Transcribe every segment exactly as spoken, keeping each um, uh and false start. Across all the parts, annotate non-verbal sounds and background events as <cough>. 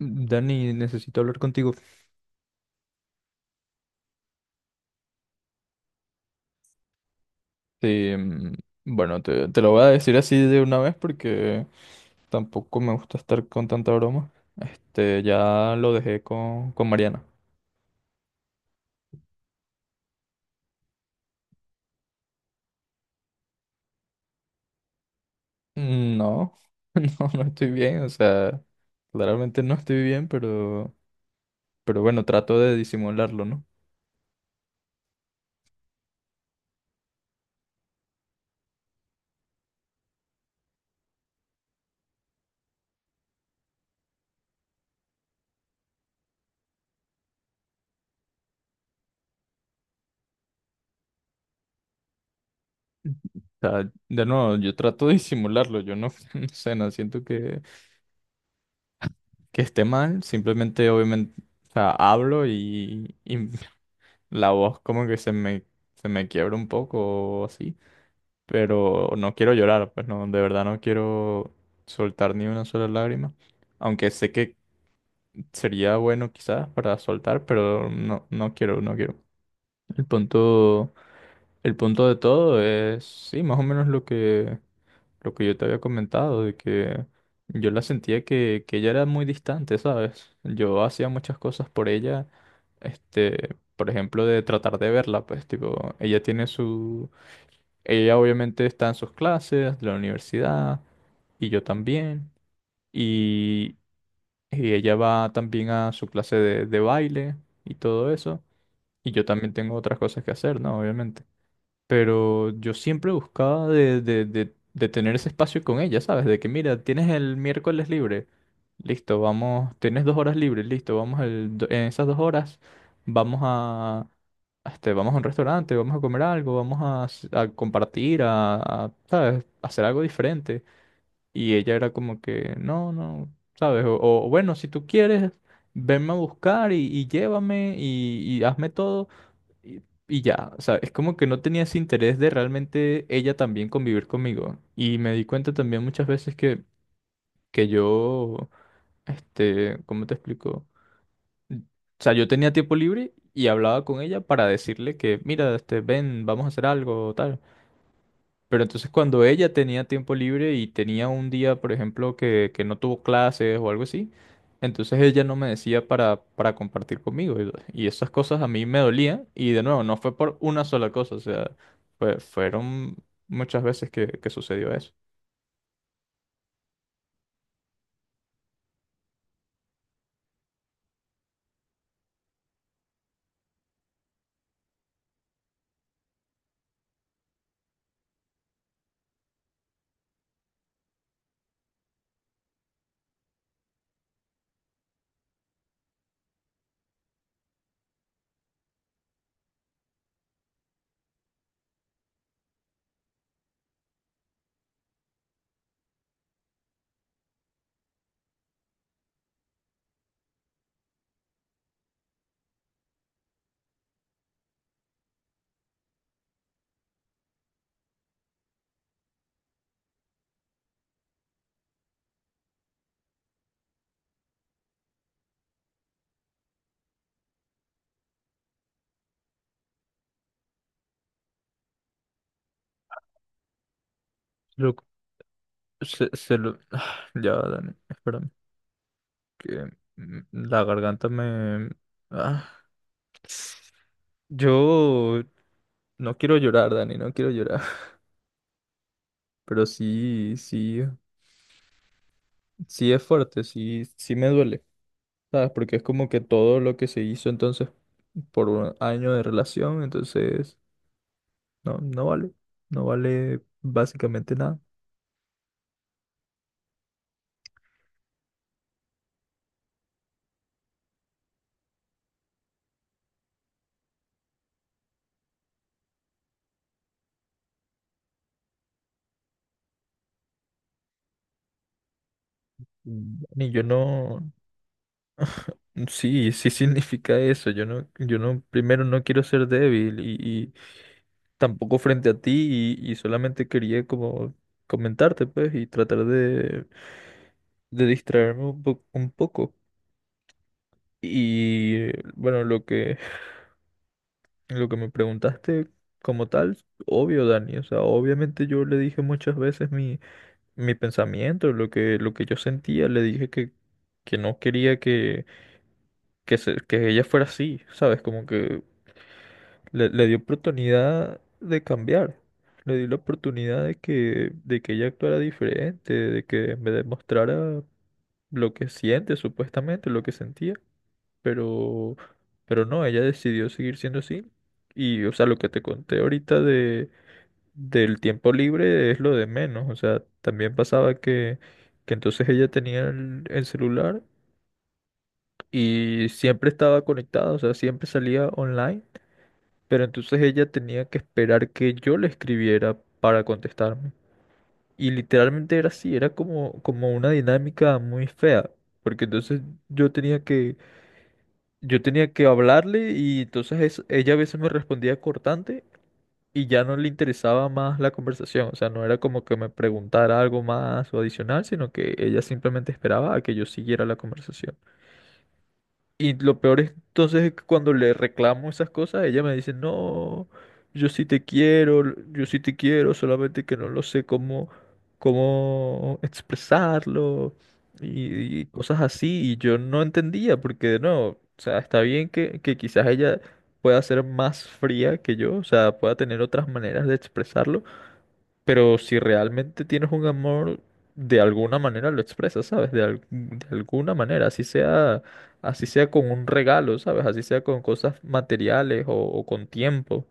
Dani, necesito hablar contigo. Eh, mm, bueno, te, te lo voy a decir así de una vez porque tampoco me gusta estar con tanta broma. Este, ya lo dejé con, con Mariana. No, <laughs> no, no estoy bien, o sea, claramente no estoy bien, pero, pero bueno, trato de disimularlo, ¿no? O sea, de nuevo, yo trato de disimularlo, yo no, <laughs> no sé, no siento que, que esté mal, simplemente obviamente, o sea, hablo y, y <laughs> la voz como que se me, se me quiebra un poco o así, pero no quiero llorar, pues no, de verdad no quiero soltar ni una sola lágrima, aunque sé que sería bueno quizás para soltar, pero no, no quiero, no quiero. El punto, el punto de todo es, sí, más o menos lo que lo que yo te había comentado, de que yo la sentía que, que ella era muy distante, ¿sabes? Yo hacía muchas cosas por ella, este, por ejemplo, de tratar de verla, pues, tipo, ella tiene su... Ella obviamente está en sus clases, de la universidad, y yo también, y, y ella va también a su clase de, de baile y todo eso, y yo también tengo otras cosas que hacer, ¿no? Obviamente. Pero yo siempre buscaba de, de, de, de tener ese espacio con ella, ¿sabes? De que, mira, tienes el miércoles libre, listo, vamos, tienes dos horas libres, listo, vamos el do- en esas dos horas, vamos a, a este, vamos a un restaurante, vamos a comer algo, vamos a, s- a compartir, a, a, ¿sabes? Hacer algo diferente. Y ella era como que, no, no, ¿sabes? O, o, bueno, si tú quieres, venme a buscar y, y llévame y, y hazme todo. Y, y ya, o sea, es como que no tenía ese interés de realmente ella también convivir conmigo. Y me di cuenta también muchas veces que, que yo, este, ¿cómo te explico? O sea, yo tenía tiempo libre y hablaba con ella para decirle que, mira, este, ven, vamos a hacer algo, tal. Pero entonces cuando ella tenía tiempo libre y tenía un día, por ejemplo, que, que no tuvo clases o algo así, entonces ella no me decía para, para compartir conmigo. Y, y esas cosas a mí me dolían. Y de nuevo, no fue por una sola cosa. O sea, fue- fueron muchas veces que, que sucedió eso. Lo- se, se lo... <sighs> Ya, Dani, espérame. Que mm, la garganta me... Ah. Yo no quiero llorar, Dani, no quiero llorar. <laughs> Pero sí, sí. Sí es fuerte, sí, sí me duele, ¿sabes? Porque es como que todo lo que se hizo entonces por un año de relación, entonces no, no vale, no vale básicamente nada. Y yo no, sí, sí <laughs> significa eso, yo no, yo no, primero no quiero ser débil y, y tampoco frente a ti y, y solamente quería como comentarte, pues, y tratar de, de distraerme un po- un poco. Y bueno, lo que... Lo que me preguntaste como tal, obvio, Dani, o sea, obviamente yo le dije muchas veces mi, mi pensamiento, lo que, lo que yo sentía, le dije que, que no quería que, que, se- que ella fuera así, ¿sabes? Como que le, le di oportunidad de cambiar, le di la oportunidad de que, de que ella actuara diferente, de que me demostrara lo que siente, supuestamente, lo que sentía, pero, pero no, ella decidió seguir siendo así. Y, o sea, lo que te conté ahorita del tiempo libre es lo de menos. O sea, también pasaba que, que entonces ella tenía el, el celular y siempre estaba conectada, o sea, siempre salía online, pero entonces ella tenía que esperar que yo le escribiera para contestarme. Y literalmente era así, era como, como una dinámica muy fea, porque entonces yo tenía que, yo tenía que hablarle y entonces es- ella a veces me respondía cortante y ya no le interesaba más la conversación, o sea, no era como que me preguntara algo más o adicional, sino que ella simplemente esperaba a que yo siguiera la conversación. Y lo peor es entonces es que cuando le reclamo esas cosas, ella me dice, no, yo sí te quiero, l- yo sí te quiero, solamente que no lo sé cómo, cómo expresarlo y, y cosas así. Y yo no entendía, porque no, o sea, está bien que, que quizás ella pueda ser más fría que yo, o sea, pueda tener otras maneras de expresarlo pero si realmente tienes un amor, de alguna manera lo expresas, ¿sabes? De, al- de alguna manera, así sea, así sea con un regalo, ¿sabes? Así sea con cosas materiales o, o con tiempo.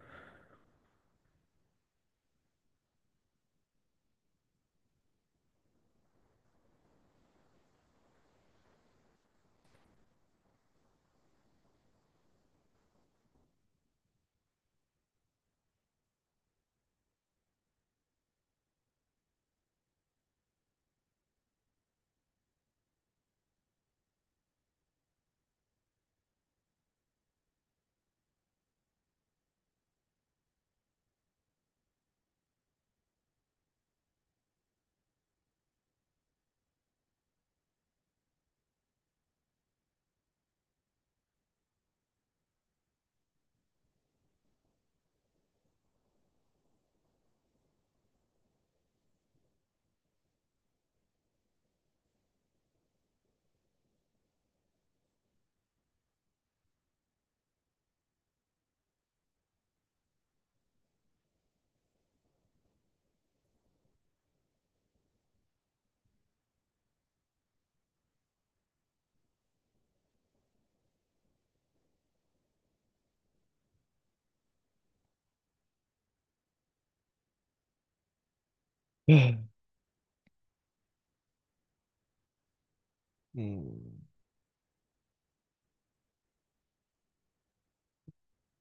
Mm,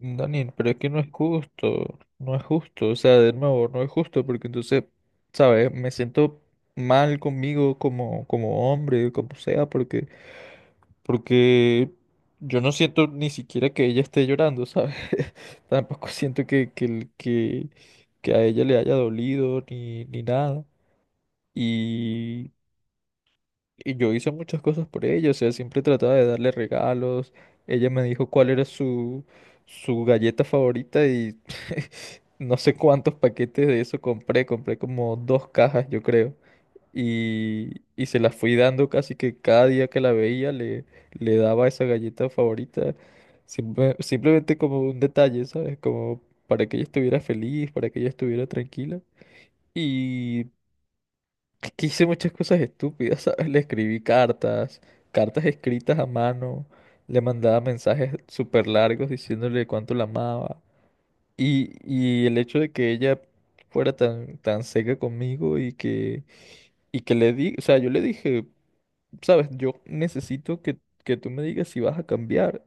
Daniel, pero es que no es justo, no es justo, o sea, de nuevo, no es justo porque entonces, ¿sabes? Me siento mal conmigo como, como hombre, como sea, porque porque yo no siento ni siquiera que ella esté llorando, ¿sabes? <laughs> Tampoco siento que, que, el- que, que a ella le haya dolido ni, ni nada. Y, y yo hice muchas cosas por ella, o sea, siempre trataba de darle regalos. Ella me dijo cuál era su, su galleta favorita y <laughs> no sé cuántos paquetes de eso compré, compré como dos cajas, yo creo y, y se la fui dando casi que cada día que la veía le, le daba esa galleta favorita, simple- simplemente como un detalle, ¿sabes? Como para que ella estuviera feliz, para que ella estuviera tranquila. Y que hice muchas cosas estúpidas, <laughs> ¿sabes? Le escribí cartas, cartas escritas a mano, le mandaba mensajes súper largos diciéndole cuánto la amaba. Y, y el hecho de que ella fuera tan, tan seca conmigo y que, y que le di, o sea, yo le dije sabes, yo necesito que, que tú me digas si vas a cambiar.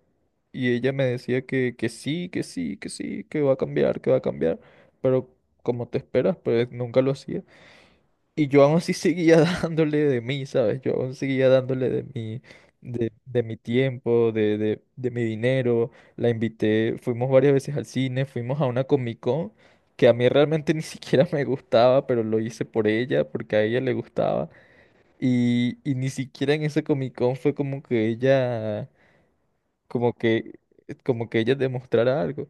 Y ella me decía que, que sí, que sí, que sí, que va a cambiar, que va a cambiar. Pero como te esperas, pues nunca lo hacía. Y yo aún así seguía <laughs> dándole de mí, ¿sabes? Yo aún seguía dándole de mi, de, de mi tiempo, de, de, de mi dinero. La invité, fuimos varias veces al cine, fuimos a una Comic Con que a mí realmente <laughs> ni siquiera me gustaba, pero lo hice por ella, porque a ella le gustaba. Y, y ni siquiera en ese Comic Con fue como que ella, como que, como que ella demostrara algo.